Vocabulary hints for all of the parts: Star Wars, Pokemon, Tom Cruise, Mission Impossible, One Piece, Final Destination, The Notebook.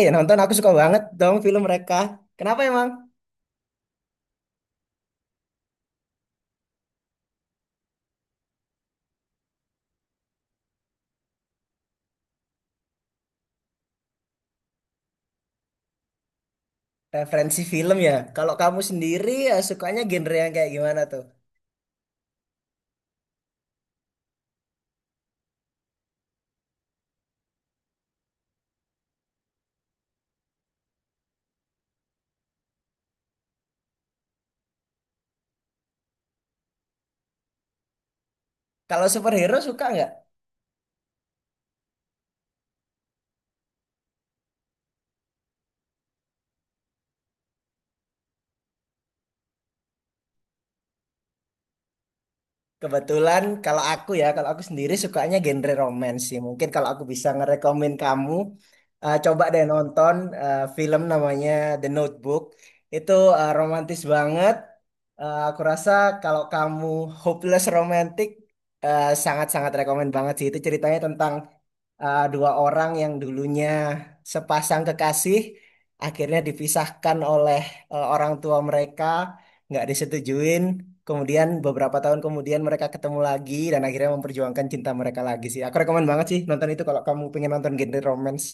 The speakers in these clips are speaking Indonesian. Nonton aku suka banget dong film mereka. Kenapa emang? Referensi film ya. Kalau kamu sendiri ya sukanya genre yang kayak gimana tuh? Kalau superhero suka nggak? Kebetulan kalau aku ya, kalau aku sendiri sukanya genre romance sih. Mungkin kalau aku bisa ngerekomen kamu, coba deh nonton film namanya The Notebook. Itu romantis banget. Aku rasa kalau kamu hopeless romantic, sangat-sangat rekomen banget sih. Itu ceritanya tentang dua orang yang dulunya sepasang kekasih akhirnya dipisahkan oleh orang tua mereka, nggak disetujuin. Kemudian beberapa tahun kemudian mereka ketemu lagi dan akhirnya memperjuangkan cinta mereka lagi sih. Aku rekomen banget sih nonton itu kalau kamu pengen nonton genre romance.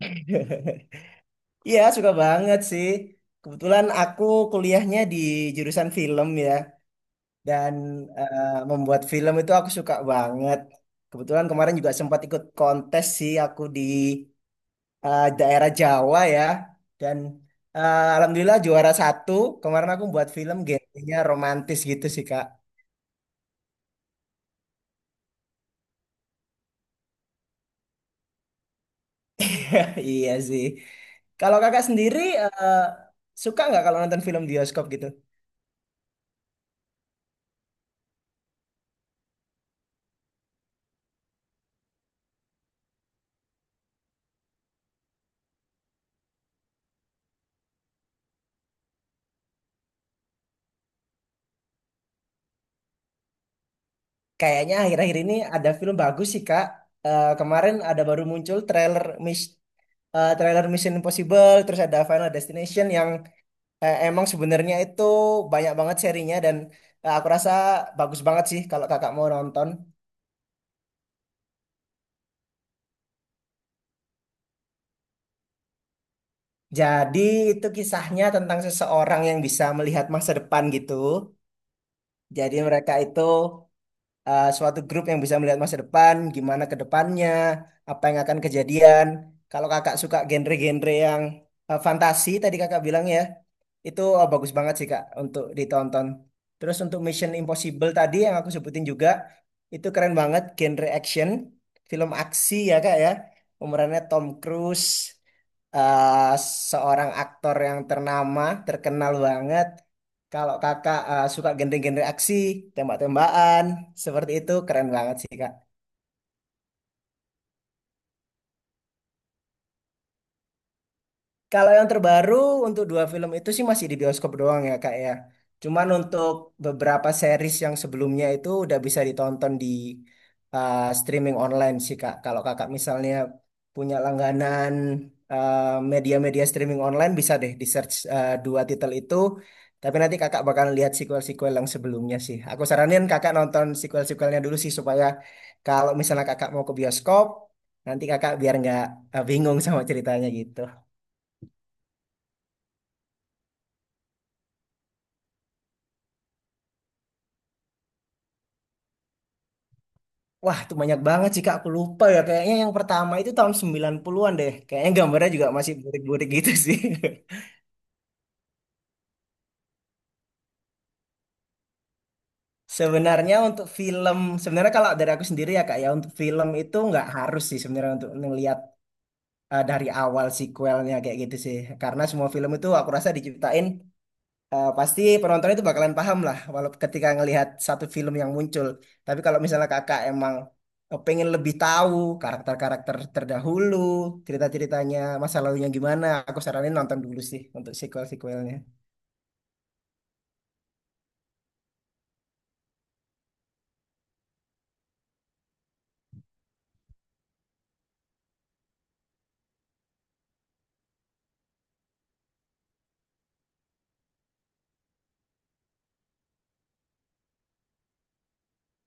Iya, suka banget sih. Kebetulan aku kuliahnya di jurusan film ya, dan eh, membuat film itu aku suka banget. Kebetulan kemarin juga sempat ikut kontes sih aku di daerah Jawa ya. Dan alhamdulillah juara satu. Kemarin aku buat film genrenya romantis gitu sih Kak. Iya sih. Kalau kakak sendiri suka nggak kalau nonton film bioskop gitu? Kayaknya akhir-akhir ini ada film bagus sih Kak. Eh, kemarin ada baru muncul trailer trailer Mission Impossible, terus ada Final Destination yang emang sebenarnya itu banyak banget serinya dan aku rasa bagus banget sih kalau kakak mau nonton. Jadi itu kisahnya tentang seseorang yang bisa melihat masa depan gitu. Jadi mereka itu suatu grup yang bisa melihat masa depan, gimana ke depannya, apa yang akan kejadian. Kalau kakak suka genre-genre yang fantasi tadi kakak bilang ya, itu bagus banget sih kak untuk ditonton. Terus untuk Mission Impossible tadi yang aku sebutin juga, itu keren banget genre action, film aksi ya kak ya. Pemerannya Tom Cruise, eh, seorang aktor yang ternama, terkenal banget. Kalau kakak suka genre-genre aksi, tembak-tembakan, seperti itu keren banget sih kak. Kalau yang terbaru untuk dua film itu sih masih di bioskop doang ya kak ya. Cuman untuk beberapa series yang sebelumnya itu udah bisa ditonton di streaming online sih kak. Kalau kakak misalnya punya langganan uh, media-media streaming online bisa deh di search dua titel itu. Tapi nanti kakak bakal lihat sequel-sequel yang sebelumnya sih. Aku saranin kakak nonton sequel-sequelnya dulu sih supaya kalau misalnya kakak mau ke bioskop, nanti kakak biar nggak bingung sama ceritanya gitu. Wah, itu banyak banget sih Kak. Aku lupa ya. Kayaknya yang pertama itu tahun 90-an deh. Kayaknya gambarnya juga masih burik-burik gitu sih. Sebenarnya untuk film, sebenarnya kalau dari aku sendiri ya Kak ya, untuk film itu nggak harus sih sebenarnya untuk ngelihat dari awal sequelnya kayak gitu sih. Karena semua film itu aku rasa diciptain pasti penonton itu bakalan paham lah walau ketika ngelihat satu film yang muncul. Tapi kalau misalnya kakak emang pengen lebih tahu karakter-karakter terdahulu, cerita-ceritanya, masa lalunya gimana, aku saranin nonton dulu sih untuk sequel-sequelnya.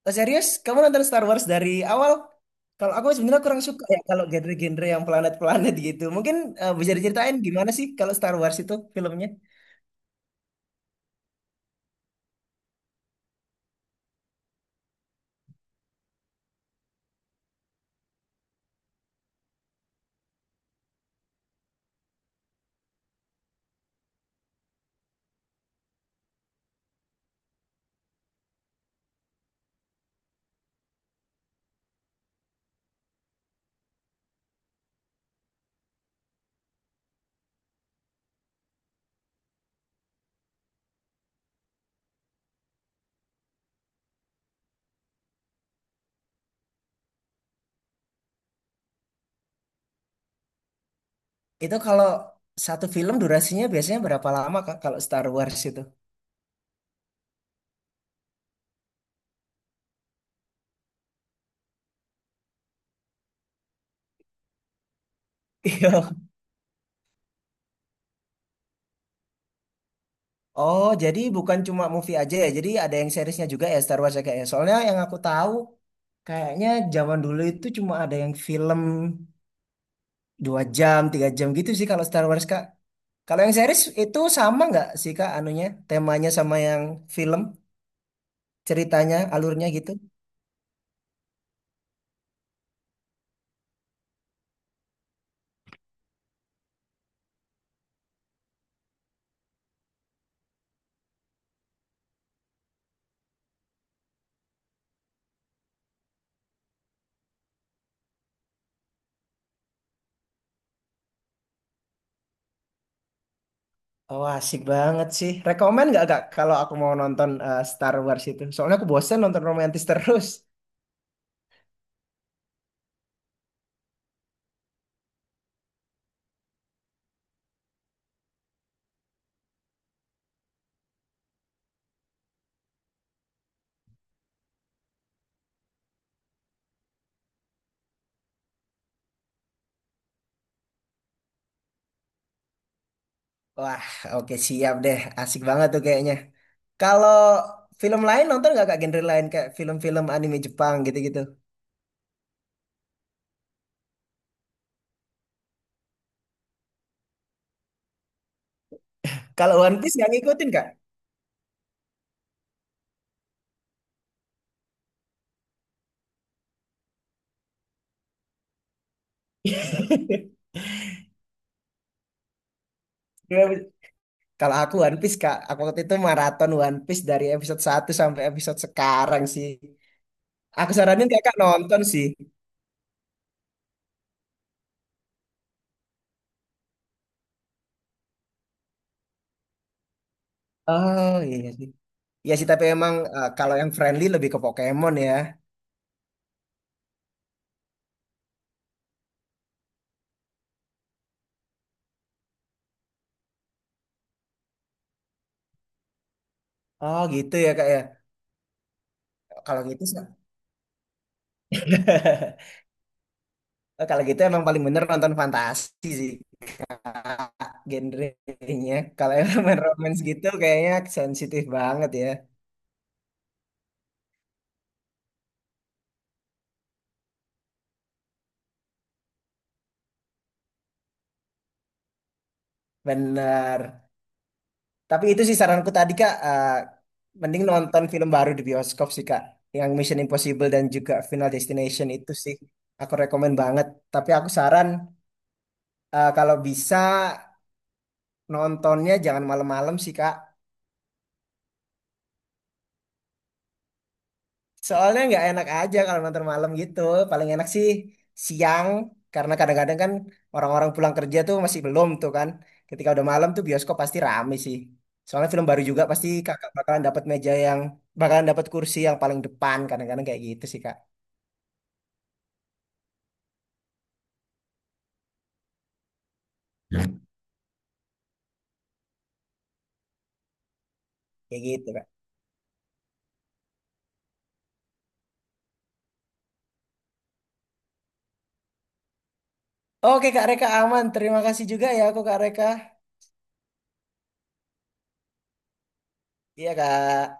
Oh, serius? Kamu nonton Star Wars dari awal? Kalau aku sebenarnya kurang suka ya kalau genre-genre yang planet-planet gitu. Mungkin bisa diceritain gimana sih kalau Star Wars itu filmnya? Itu kalau satu film durasinya biasanya berapa lama Kak kalau Star Wars itu? Iya. Oh, jadi bukan cuma movie aja ya. Jadi ada yang seriesnya juga ya Star Wars ya kayaknya. Soalnya yang aku tahu kayaknya zaman dulu itu cuma ada yang film dua jam, tiga jam gitu sih kalau Star Wars Kak. Kalau yang series itu sama nggak sih Kak anunya, temanya sama yang film, ceritanya, alurnya gitu? Oh, asik banget sih. Rekomen nggak Kak kalau aku mau nonton Star Wars itu? Soalnya aku bosen nonton romantis terus. Wah, oke siap deh. Asik banget tuh kayaknya. Kalau film lain nonton nggak kak genre lain kayak film-film anime Jepang gitu-gitu? Kalau One Piece nggak ngikutin kak? Kalau aku One Piece kak, aku waktu itu maraton One Piece dari episode satu sampai episode sekarang sih. Aku saranin kakak nonton sih. Oh iya sih. Iya sih tapi emang kalau yang friendly lebih ke Pokemon ya. Oh gitu ya kak ya. Kalau gitu sih- kalau gitu emang paling bener nonton fantasi sih. Genrenya kalau yang romance gitu kayaknya sensitif banget ya, bener. Tapi itu sih saranku tadi kak, mending nonton film baru di bioskop sih kak, yang Mission Impossible dan juga Final Destination itu sih aku rekomen banget. Tapi aku saran kalau bisa nontonnya jangan malam-malam sih kak. Soalnya nggak enak aja kalau nonton malam gitu. Paling enak sih siang, karena kadang-kadang kan orang-orang pulang kerja tuh masih belum tuh kan. Ketika udah malam tuh bioskop pasti rame sih. Soalnya film baru juga pasti kakak bakalan dapat meja yang, bakalan dapat kursi yang paling depan. Kadang-kadang kayak gitu sih kak. Kayak gitu kak. Oke kak Reka aman. Terima kasih juga ya aku kak Reka. Iya kak.